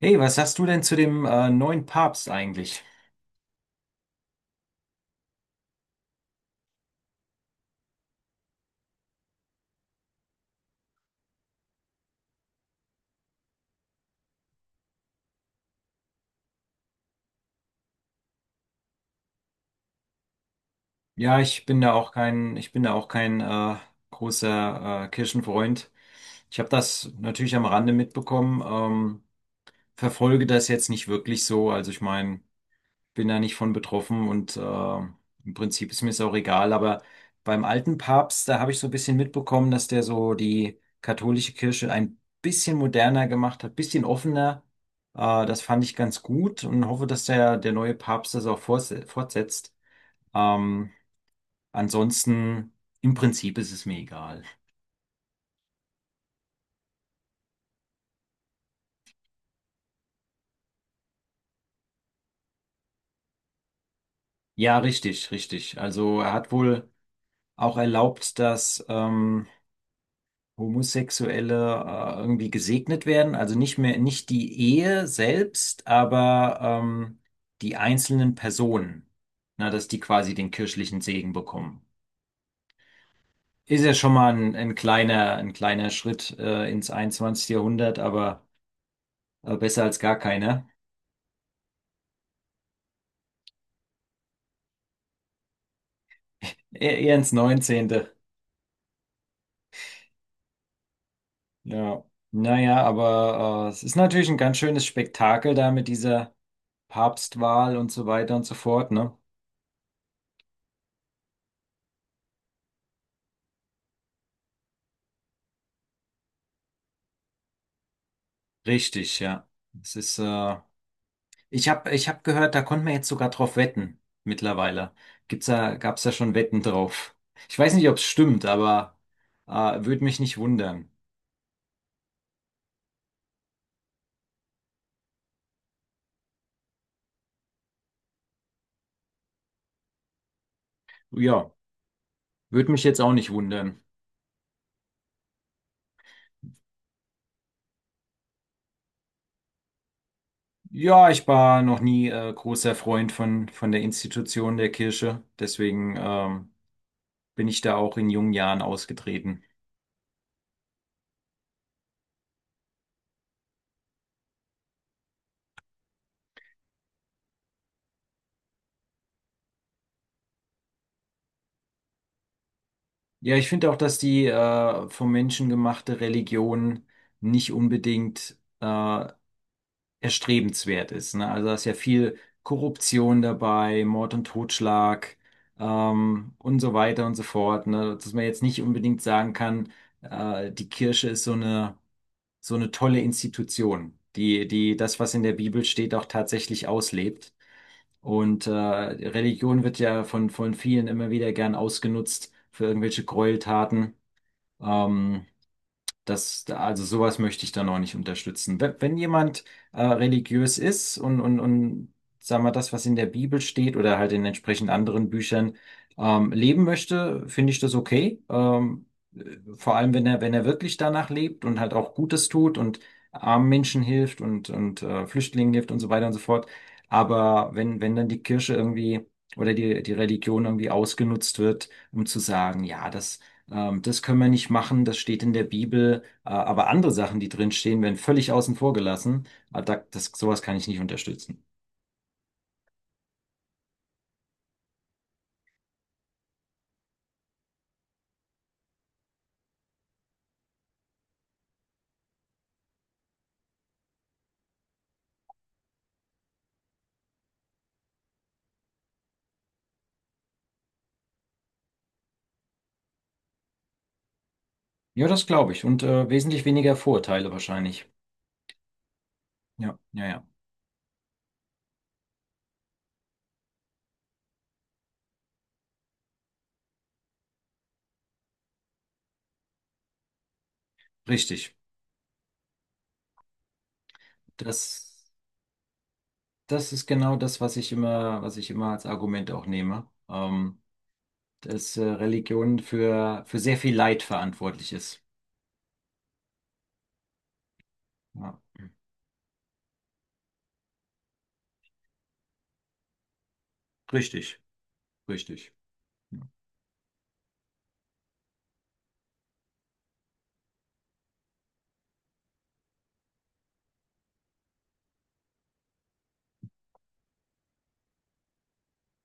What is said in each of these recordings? Hey, was sagst du denn zu dem neuen Papst eigentlich? Ja, ich bin da auch kein großer Kirchenfreund. Ich habe das natürlich am Rande mitbekommen, verfolge das jetzt nicht wirklich so. Also ich meine, bin da nicht von betroffen und im Prinzip ist mir es auch egal. Aber beim alten Papst, da habe ich so ein bisschen mitbekommen, dass der so die katholische Kirche ein bisschen moderner gemacht hat, bisschen offener. Das fand ich ganz gut und hoffe, dass der neue Papst das auch fortsetzt. Ähm, ansonsten, im Prinzip ist es mir egal. Ja, richtig, richtig. Also er hat wohl auch erlaubt, dass Homosexuelle irgendwie gesegnet werden, also nicht mehr, nicht die Ehe selbst, aber die einzelnen Personen, na, dass die quasi den kirchlichen Segen bekommen. Ist ja schon mal ein kleiner Schritt ins 21. Jahrhundert, aber besser als gar keiner. E Eher ins neunzehnte. Ja. Naja, aber es ist natürlich ein ganz schönes Spektakel da mit dieser Papstwahl und so weiter und so fort, ne? Richtig, ja. Es ist ich hab gehört, da konnte man jetzt sogar drauf wetten mittlerweile. Gab's da schon Wetten drauf? Ich weiß nicht, ob es stimmt, aber äh, würde mich nicht wundern. Ja, würde mich jetzt auch nicht wundern. Ja, ich war noch nie großer Freund von der Institution der Kirche. Deswegen bin ich da auch in jungen Jahren ausgetreten. Ja, ich finde auch, dass die vom Menschen gemachte Religion nicht unbedingt erstrebenswert ist. Ne? Also da ist ja viel Korruption dabei, Mord und Totschlag und so weiter und so fort. Ne? Dass man jetzt nicht unbedingt sagen kann, die Kirche ist so eine tolle Institution, die das, was in der Bibel steht, auch tatsächlich auslebt. Und Religion wird ja von vielen immer wieder gern ausgenutzt für irgendwelche Gräueltaten. Ähm, also sowas möchte ich dann auch nicht unterstützen. Wenn jemand religiös ist und sagen wir das, was in der Bibel steht oder halt in entsprechend anderen Büchern leben möchte, finde ich das okay. Vor allem, wenn er wirklich danach lebt und halt auch Gutes tut und armen Menschen hilft und Flüchtlingen hilft und so weiter und so fort. Aber wenn dann die Kirche irgendwie oder die Religion irgendwie ausgenutzt wird, um zu sagen, ja, das können wir nicht machen, das steht in der Bibel. Aber andere Sachen, die drin stehen, werden völlig außen vor gelassen. Äh, sowas kann ich nicht unterstützen. Ja, das glaube ich. Und wesentlich weniger Vorurteile wahrscheinlich. Ja, ja, ja. Richtig. Das, das ist genau das, was ich immer als Argument auch nehme. Dass Religion für sehr viel Leid verantwortlich ist. Ja. Richtig, richtig.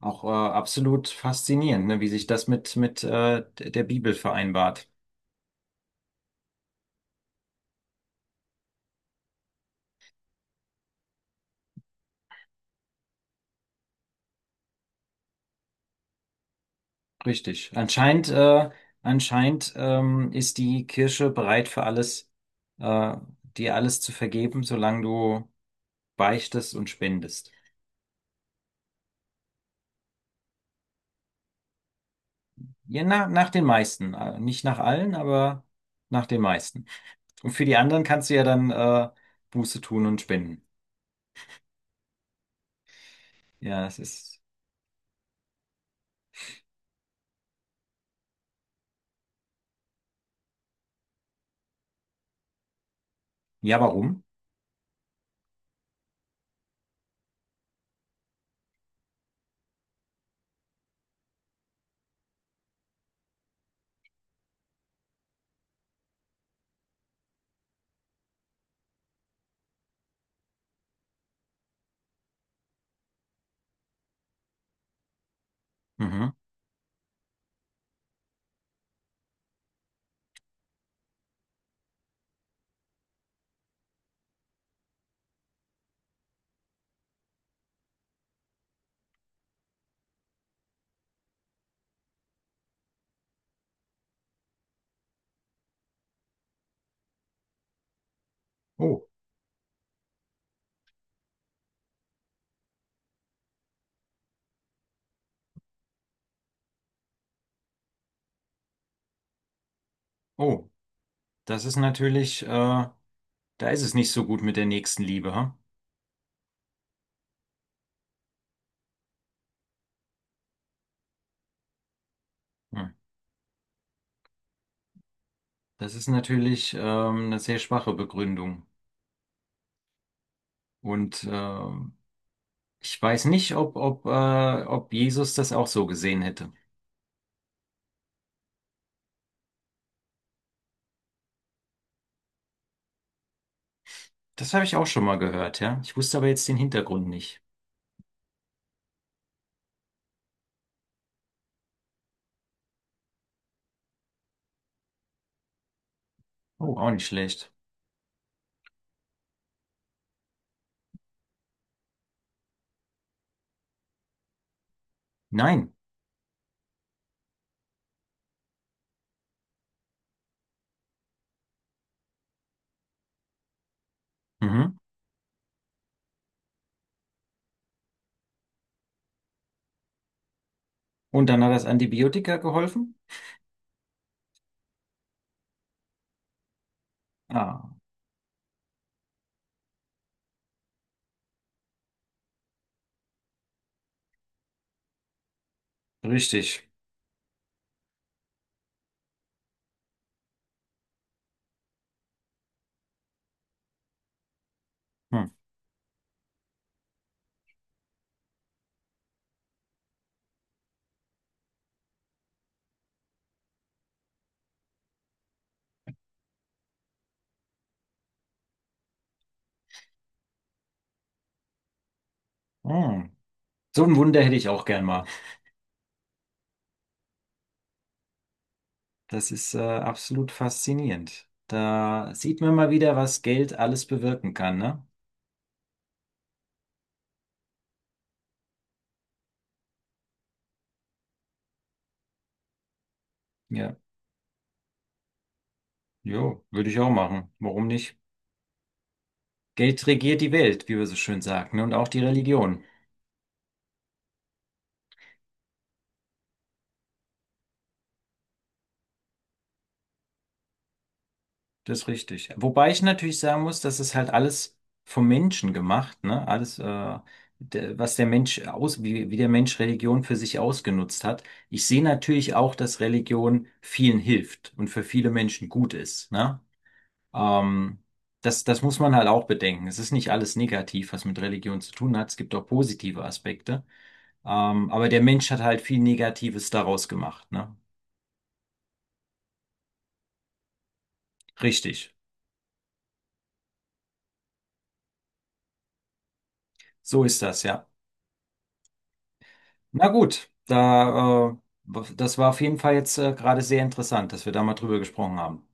Auch absolut faszinierend, ne, wie sich das mit der Bibel vereinbart. Richtig. Anscheinend ist die Kirche bereit für alles, äh, dir alles zu vergeben, solange du beichtest und spendest. Ja, na, nach den meisten. Nicht nach allen, aber nach den meisten. Und für die anderen kannst du ja dann Buße tun und spenden. Ja, es ist. Ja, warum? Mhm. Oh, oh, das ist natürlich, da ist es nicht so gut mit der nächsten Liebe, hm? Hm. Das ist natürlich eine sehr schwache Begründung. Und ich weiß nicht, ob Jesus das auch so gesehen hätte. Das habe ich auch schon mal gehört, ja. Ich wusste aber jetzt den Hintergrund nicht. Oh, auch nicht schlecht. Nein. Mhm. Und dann hat das Antibiotika geholfen? Ah, richtig. Hm. Hm. So ein Wunder hätte ich auch gern mal. Das ist absolut faszinierend. Da sieht man mal wieder, was Geld alles bewirken kann, ne? Ja. Jo, würde ich auch machen. Warum nicht? Geld regiert die Welt, wie wir so schön sagen, ne? Und auch die Religion. Das ist richtig. Wobei ich natürlich sagen muss, das ist halt alles vom Menschen gemacht, ne? Was der Mensch wie der Mensch Religion für sich ausgenutzt hat. Ich sehe natürlich auch, dass Religion vielen hilft und für viele Menschen gut ist, ne? Ähm, das muss man halt auch bedenken. Es ist nicht alles negativ, was mit Religion zu tun hat. Es gibt auch positive Aspekte. Aber der Mensch hat halt viel Negatives daraus gemacht, ne? Richtig. So ist das, ja. Na gut, da, äh, das war auf jeden Fall jetzt gerade sehr interessant, dass wir da mal drüber gesprochen haben.